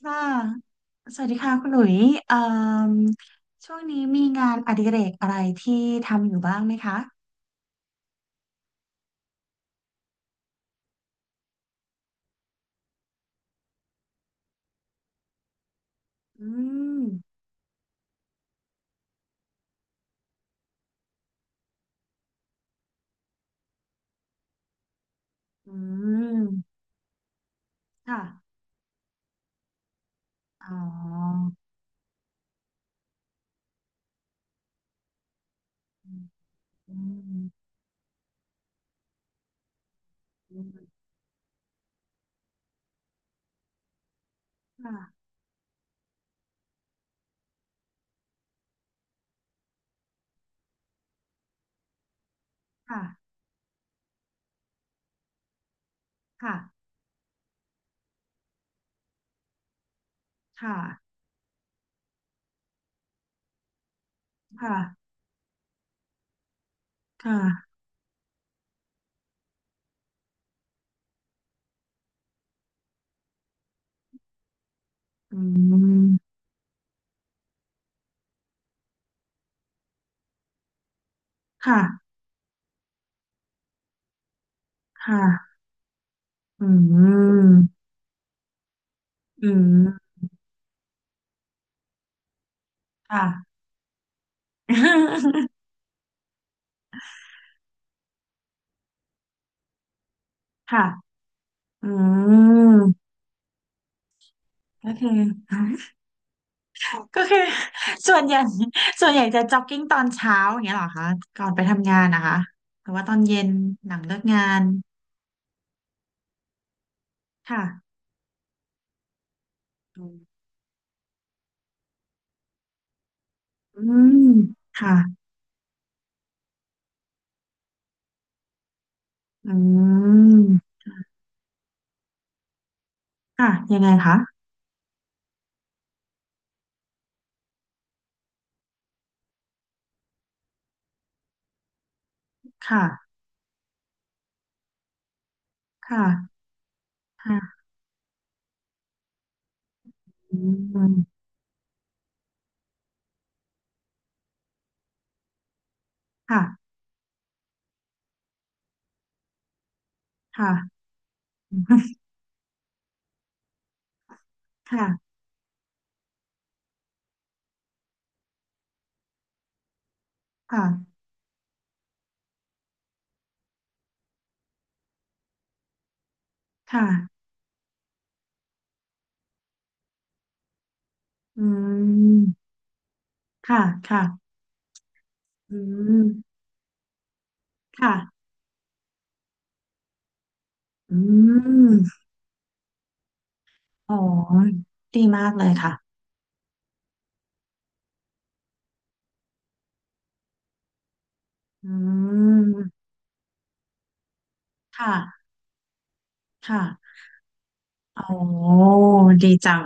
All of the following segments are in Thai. ค่ะสวัสดีค่ะคุณหลุยเอ่มช่วงนี้มีงานอดิเรกอะไรที่ทำอยู่บ้างไหมคะอืมอืมค่ะอ๋ออืมอืมค่ะค่ะค่ะค่ะค่ะค่ะอืมค่ะค่ะอืมอืมค่ะ ค่ะอืมก็คือ ก็คือ ส่วนใหญ่ ส่วนใหญ่จะจ็อกกิ้งตอนเช้าอย่างเงี้ยเหรอคะก่อนไปทำงานนะคะหรือว่าตอนเย็นหลังเลิกงานค่ะอืมค่ะอืมค่ะยังไงคะค่ะค่ะค่ะอืมค่ะค่ะ ค่ะค่ะค่ะอืมค่ะค่ะอืมค่ะอืมอ๋อดีมากเลยค่ะอืมค่ะค่ะ อ๋อดีจัง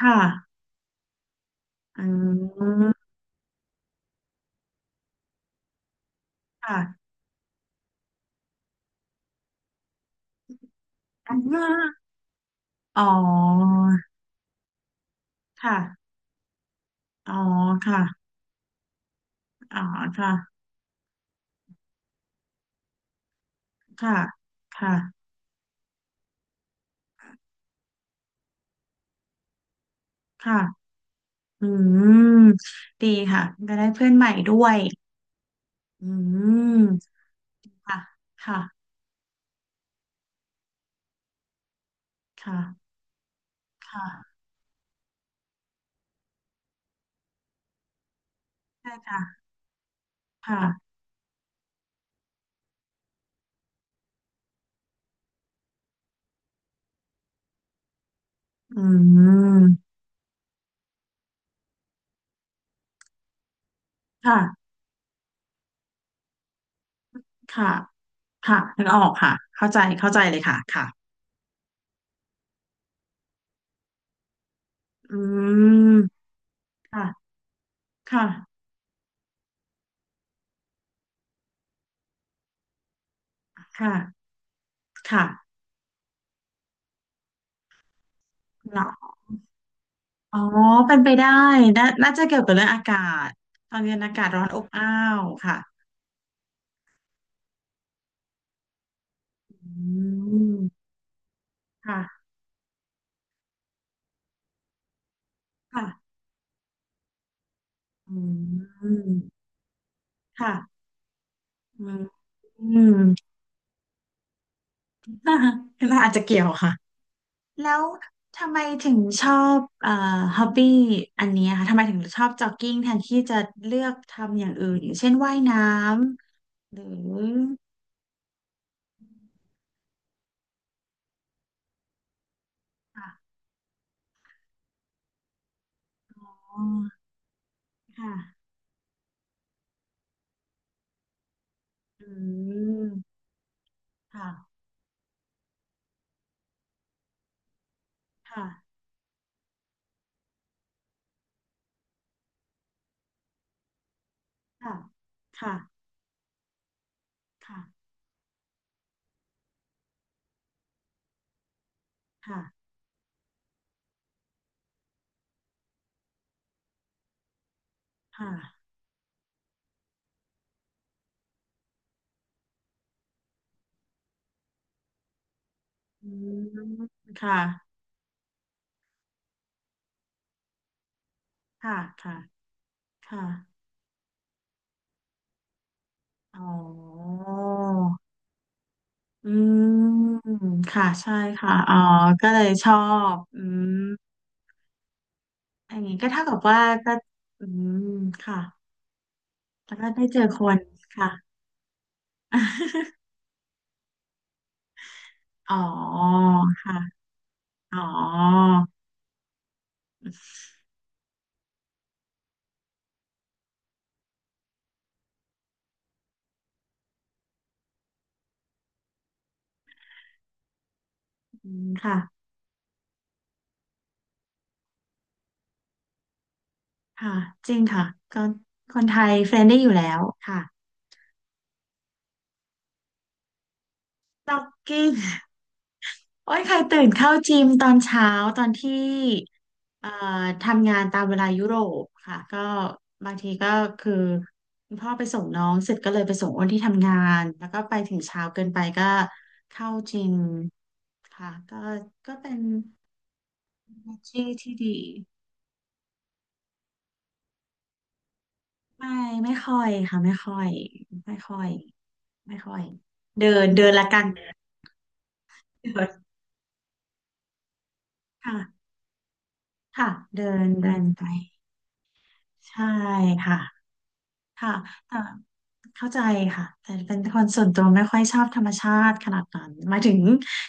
ค่ะอืมค่ะอ่าอ๋อค่ะอ๋อค่ะอ๋อค่ะค่ะค่ะค่ะอืมดีค่ะก็ได้เพื่อนใหม่ด้วยอืมค่ะค่ะค่ะค่ะใช่ค่ะค่ะอืมค่ะค่ะค่ะนึกออกค่ะเข้าใจเข้าใจเลยค่ะค่ะอืมค่ะค่ะค่ะค่ะ อ๋อเป็นไปได้น่าน่าจะเกี่ยวกับเรื่องอากาศตอนเย็นอากาศร้อนอบอ้าวค่ะอืมค่ะค่ะอืมค่ะอืมอืมน่าน่าอาจจะเกี่ยวค่ะแล้วทำไมถึงชอบฮอบบี้อันเนี้ยค่ะทำไมถึงชอบจ็อกกิ้งแทนที่จะเลือกทำอย่างอื่นอย่างเช่นว่ายน้ำหรือค่ะอ๋อค่ะอืมค่ะค่ะค่ะค่ะค่ะค่ะ ค่ะอืมค่ะค่ะค่ะค่ะอ๋ออืมค่ะใช่ค่ะอ๋อก็เลยชอบอืมอย่างนี้ก็เท่ากับว่าก็อืมค่ะ แล้วก็ได้เจอคนค่ะ อ๋อค่ะอ๋ออืมค่ะค่ะ จริงค่ะก็คนไทยเฟรนได้อยู่แล้วค่ะจ็อกกิ้ง โอ้ยค่ะตื่นเข้าจิมตอนเช้าตอนที่เอ่อทำงานตามเวลายุโรปค่ะก็บางทีก็คือคุณพ่อไปส่งน้องเสร็จก็เลยไปส่งอ้นที่ทำงานแล้วก็ไปถึงเช้าเกินไปก็เข้าจิมค่ะก็ก็เป็นที่ที่ดีไม่ไม่ค่อยค่ะไม่ค่อยไม่ค่อยไม่ค่อยเดินเดินละกันเดินค่ะค่ะเดินเดินไปใช่ค่ะค่ะแต่ เข้าใจค่ะ แต่เป็นคนส่วนตัวไม่ค่อยชอบธรรมชาติขนาดนั้นหมายถึง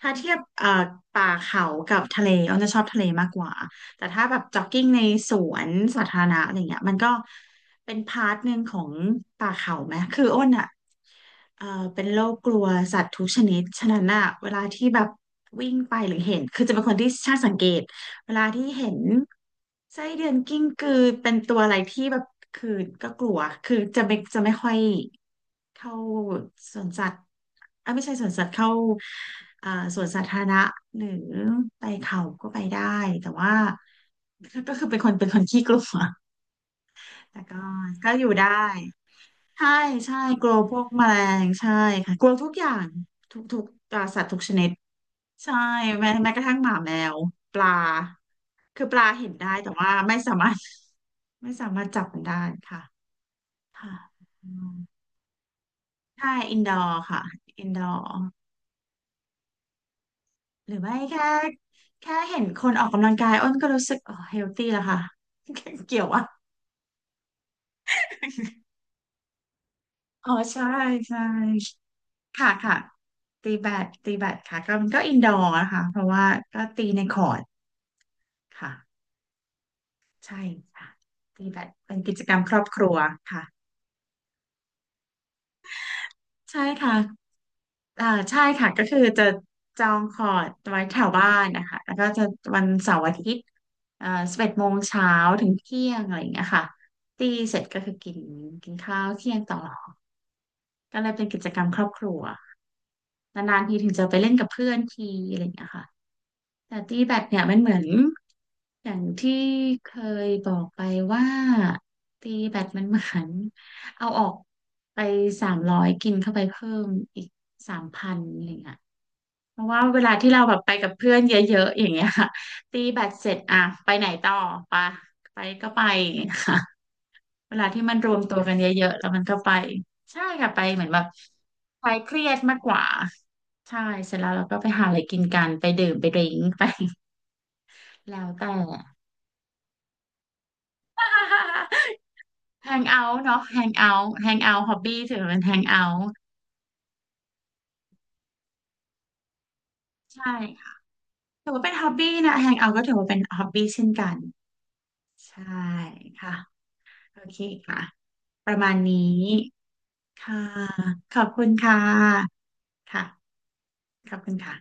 ถ้าเทียบป่าเขากับทะเลอ้นจะชอบทะเลมากกว่า แต่ถ้าแบบจ็อกกิ้งในสวนสาธารณะอะไรเงี้ยมันก็เป็นพาร์ทหนึ่งของป่าเขาไหม คืออ้นอ่ะเป็นโรคกลัวสัตว์ทุกชนิด ฉะนั้นอ่ะเวลาที่แบบวิ่งไปหรือเห็น คือจะเป็นคนที่ช่างสังเกตเวลาที่เห็นไส้เดือนกิ้งกือเป็นตัวอะไรที่แบบคือก็กลัวคือจะไม่ค่อย เข้าสวนสัตว์อ่ะไม่ใช่สวนสัตว์เข้าอ่าสวนสาธารณะหรือไปเขาก็ไปได้แต่ว่าก็คือเป็นคนขี้กลัวแต่ก็ก็อยู่ได้ใช่ใช่กลัวพวกแมลงใช่ค่ะกลัวทุกอย่างทุกอ่าสัตว์ทุกชนิดใช่แม้กระทั่งหมาแมวปลาคือปลาเห็นได้แต่ว่าไม่สามารถ ไม่สามารถจับมันได้ค่ะค่ะอืมใช่อินดอร์ค่ะอินดอร์ หรือไม่แค่แค่เห็นคนออกกำลังกายอ้นก็รู้สึกอ๋อเฮลตี้แล้วค่ะ เกี่ยวอ่ะอ๋อใช่ใช่ค่ะค่ะตีแบดตีแบดค่ะก็มันก็อินดอร์นะคะเพราะว่าก็ตีในคอร์ตค่ะใช่ค่ะตีแบดเป็นกิจกรรมครอบครัวค่ะใช่ค่ะ อ่าใช่ค่ะก็คือจะจองคอร์ดไว้แถวบ้านนะคะแล้วก็จะวันเสาร์อาทิตย์11โมงเช้าถึงเที่ยงอะไรอย่างเงี้ยค่ะตีเสร็จก็คือกินกินข้าวเที่ยงต่อก็เลยเป็นกิจกรรมครอบครัวนานๆทีถึงจะไปเล่นกับเพื่อนทีอะไรอย่างเงี้ยค่ะแต่ตีแบดเนี่ยมันเหมือนอย่างที่เคยบอกไปว่าตีแบดมันเหมือนเอาออกไป300กินเข้าไปเพิ่มอีก3,000อะไรอย่างเงี้ย เพราะว่าเวลาที่เราแบบไปกับเพื่อนเยอะๆอย่างเงี้ยค่ะ ตีแบตเสร็จอ่ะไปไหนต่อปะไปก็ไปอย่างเงี้ยค่ะ เวลาที่มันรวมตัวกันเยอะๆแล้วมันก็ไปใช่ค่ะไปเหมือนแบบคลายเครียดมากกว่าใช่เสร็จแล้วเราก็ไปหาอะไรกินกันไปดื่มไปดริ้งไปแล้วแต่ แฮงเอาท์เนาะแฮงเอาท์แฮงเอาท์ฮอบบี้ถือว่าเป็นแฮงเอาท์ใช่ค่ะถือว่าเป็นฮอบบี้นะแฮงเอาท์ก็ถือว่าเป็นฮอบบี้เช่นกันใช่ค่ะโอเคค่ะ ประมาณนี้ค่ะขอบคุณค่ะค่ะขอบคุณค่ะ